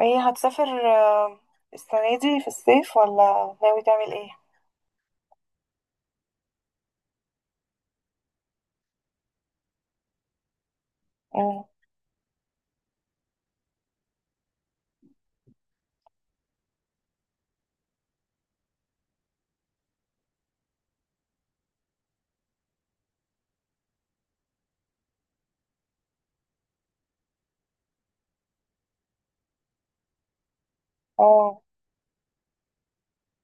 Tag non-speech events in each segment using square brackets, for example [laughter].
ايه هتسافر السنة دي في الصيف ولا ناوي تعمل ايه؟ مم. اه،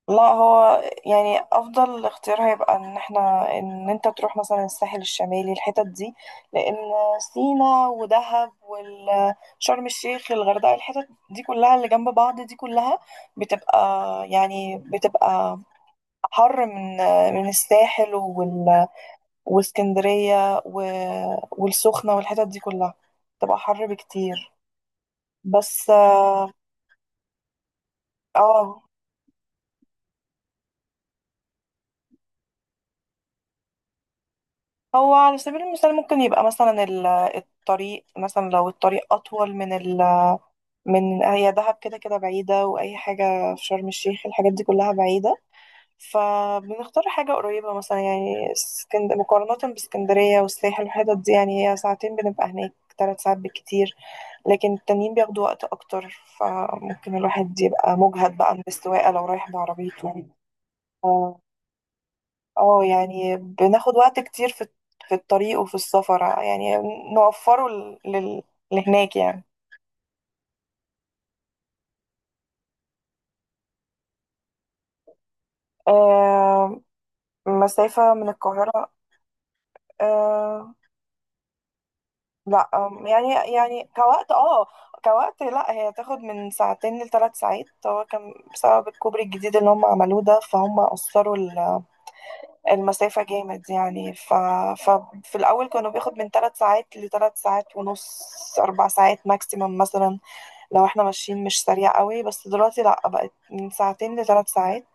لا هو يعني افضل اختيار هيبقى ان انت تروح مثلا الساحل الشمالي الحتت دي. لان سينا ودهب وشرم الشيخ الغردقة الحتت دي كلها اللي جنب بعض دي كلها بتبقى بتبقى حر من الساحل واسكندرية والسخنة والحتت دي كلها بتبقى حر بكتير، بس آه، هو على سبيل المثال ممكن يبقى مثلا الطريق، مثلا لو الطريق أطول من، هي دهب كده كده بعيدة، وأي حاجة في شرم الشيخ الحاجات دي كلها بعيدة. فبنختار حاجة قريبة، مثلا يعني مقارنة باسكندرية والساحل والحتت دي، يعني هي ساعتين بنبقى هناك، ثلاث ساعات بالكتير. لكن التانيين بياخدوا وقت أكتر، فممكن الواحد يبقى مجهد بقى من السواقة لو رايح بعربيته. آه. اه، يعني بناخد وقت كتير في الطريق وفي السفر، يعني نوفره لهناك يعني. آه مسافة من القاهرة. آه، لا يعني، يعني كوقت، اه، كوقت، لا هي تاخد من ساعتين لثلاث ساعات. هو كان بسبب الكوبري الجديد اللي هم عملوه ده، فهم قصروا المسافة جامد يعني. ف... ففي الأول كانوا بياخد من ثلاث ساعات لثلاث ساعات ونص، أربع ساعات ماكسيمم مثلا، لو احنا ماشيين مش سريع قوي. بس دلوقتي لأ، بقت من ساعتين لثلاث ساعات.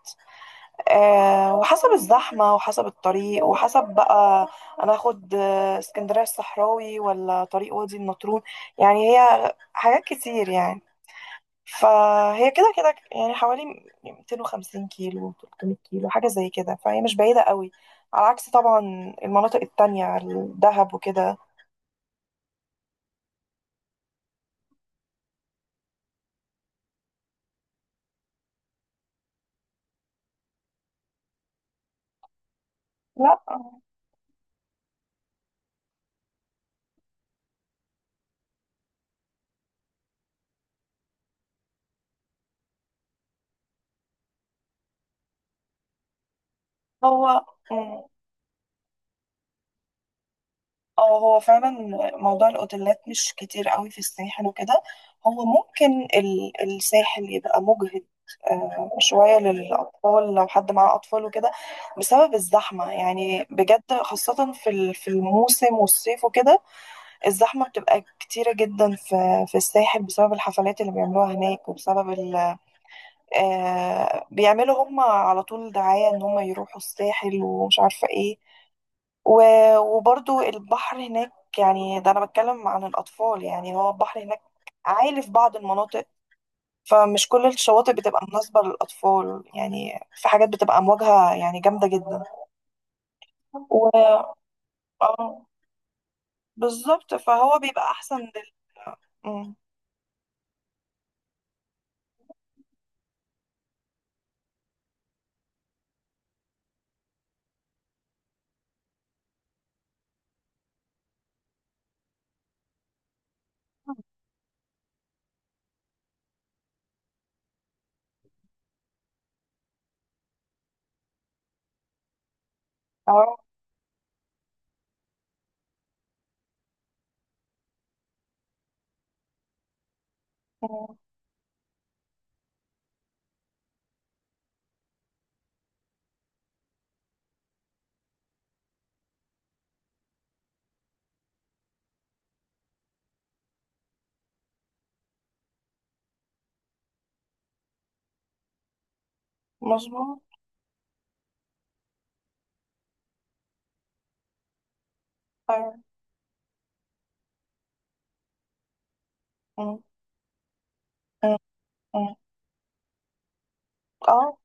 آه، وحسب الزحمة وحسب الطريق وحسب بقى أنا أخد اسكندرية الصحراوي ولا طريق وادي النطرون، يعني هي حاجات كتير يعني. فهي كده كده يعني، حوالي 250 كيلو 300 كيلو، حاجة زي كده، فهي مش بعيدة قوي، على عكس طبعا المناطق التانية، الدهب وكده. لا. هو مم. اه، هو فعلا موضوع الاوتيلات مش كتير قوي في الساحل وكده. هو ممكن الساحل يبقى مجهد شوية للأطفال، لو حد معاه أطفال وكده، بسبب الزحمة يعني بجد، خاصة في الموسم والصيف وكده. الزحمة بتبقى كتيرة جدا في الساحل، بسبب الحفلات اللي بيعملوها هناك، وبسبب ال آه، بيعملوا هم على طول دعاية إن هم يروحوا الساحل ومش عارفة إيه. وبرضو البحر هناك، يعني ده انا بتكلم عن الاطفال، يعني هو البحر هناك عالي في بعض المناطق. فمش كل الشواطئ بتبقى مناسبة للأطفال، يعني في حاجات بتبقى أمواجها يعني جامدة جدا. و اه بالظبط، فهو بيبقى أحسن لل آه، مم. اه. مم. مظبوط. أيوة. مم. مم. مم. اه،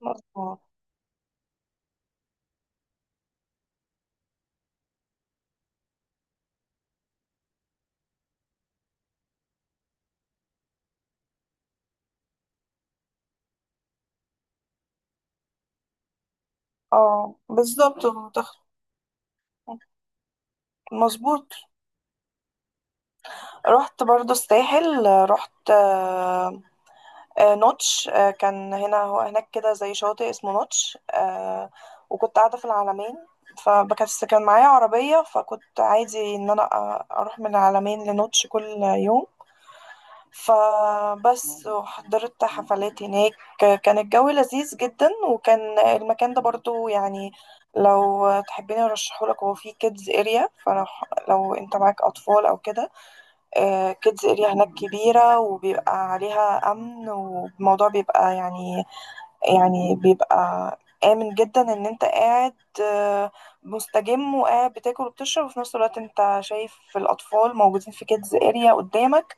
مظبوط. اه، بالظبط. مظبوط. رحت برضو الساحل. رحت نوتش كان هنا، هو هناك كده زي شاطئ اسمه نوتش وكنت قاعدة في العلمين، فبس كان معايا عربية، فكنت عادي إن أنا أروح من العلمين لنوتش كل يوم. فبس وحضرت حفلات هناك، كان الجو لذيذ جدا، وكان المكان ده برضو يعني لو تحبيني أرشحهولك، هو فيه كيدز اريا، فلو انت معاك أطفال أو كده. كيدز اريا هناك كبيرة، وبيبقى عليها أمن، والموضوع بيبقى يعني، يعني بيبقى آمن جدا إن أنت قاعد، آه، مستجم وقاعد بتاكل وبتشرب، وفي نفس الوقت أنت شايف الأطفال موجودين في كيدز اريا قدامك،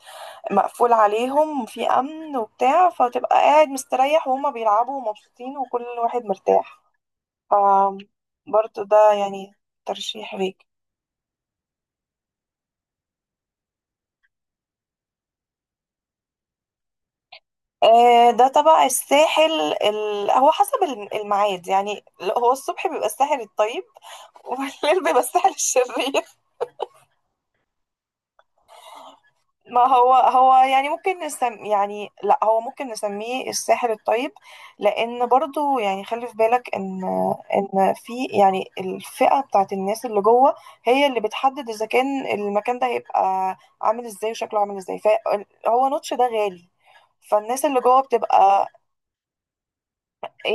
مقفول عليهم في أمن وبتاع، فتبقى قاعد مستريح، وهما بيلعبوا ومبسوطين وكل واحد مرتاح. برضه ده يعني ترشيح ليك. ده تبع الساحل. هو حسب الميعاد، يعني لا، هو الصبح بيبقى الساحل الطيب. [laughs] والليل بيبقى الساحل الشرير. ما هو هو يعني ممكن يعني لا، هو ممكن نسميه الساحل الطيب، لأن برضو يعني خلي في بالك إن في يعني الفئة بتاعت الناس اللي جوه، هي اللي بتحدد إذا كان المكان ده هيبقى عامل إزاي وشكله عامل إزاي. فهو نوتش ده غالي، فالناس اللي جوه بتبقى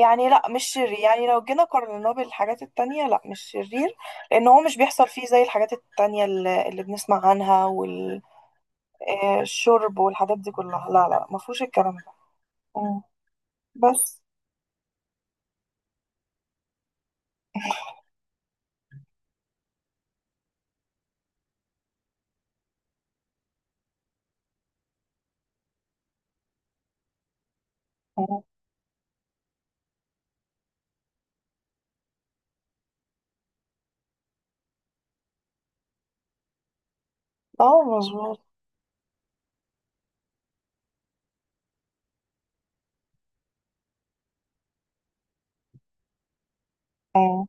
يعني، لا مش شرير، يعني لو جينا قارناه بالحاجات التانية، لا مش شرير، لأن هو مش بيحصل فيه زي الحاجات التانية اللي بنسمع عنها، والشرب والحاجات دي كلها. لا لا، مفهوش الكلام ده. مم. بس. مم. اه، مظبوط. مم.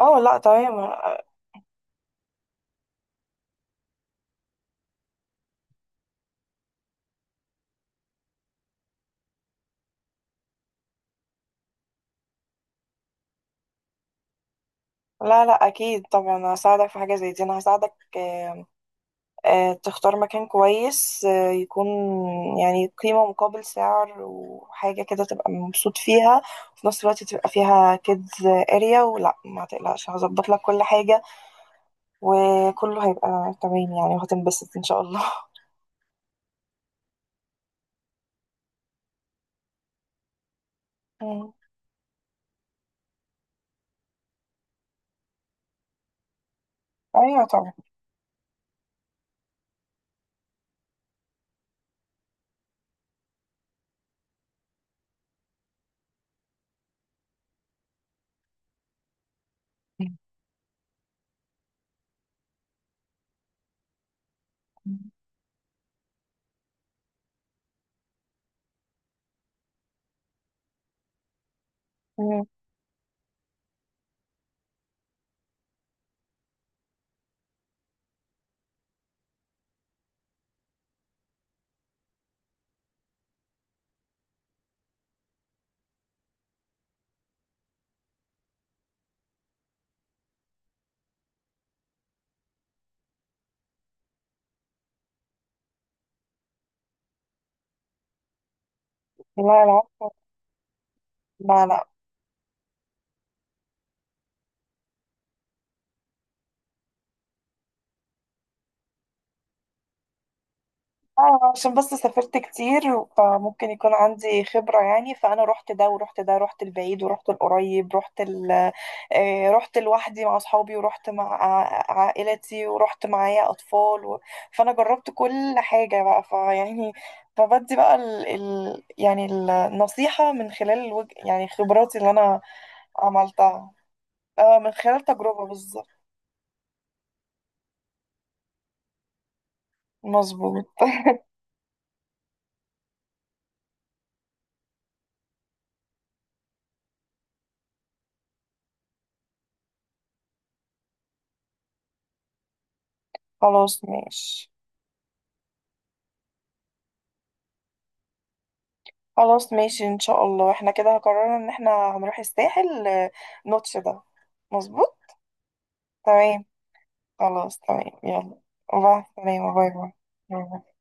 اه، لا، تمام. لا لا، أكيد طبعا هساعدك في حاجة زي دي، أنا هساعدك تختار مكان كويس يكون يعني قيمة مقابل سعر، وحاجة كده تبقى مبسوط فيها، وفي نفس الوقت تبقى فيها كيدز اريا ولا، ما تقلقش، هظبط لك كل حاجة، وكله هيبقى تمام يعني، وهتنبسط ان شاء الله. مم. ايوه طبعا. مم. مم. لا، لا، لا، لا. اه، عشان بس سافرت كتير، فممكن يكون عندي خبرة يعني. فأنا رحت ده ورحت ده، رحت البعيد ورحت القريب، رحت لوحدي مع أصحابي، ورحت مع عائلتي، ورحت معايا أطفال، فأنا جربت كل حاجة بقى فيعني، فبدي بقى يعني النصيحة من خلال يعني خبراتي اللي أنا عملتها. اه، من خلال تجربة بالظبط. مظبوط. [laughs] خلاص ماشي. خلاص ماشي، ان شاء الله احنا كده قررنا ان احنا هنروح الساحل، نوتش ده. مظبوط. تمام. خلاص تمام، يلا. باي. تمام، باي، باي، باي. باي.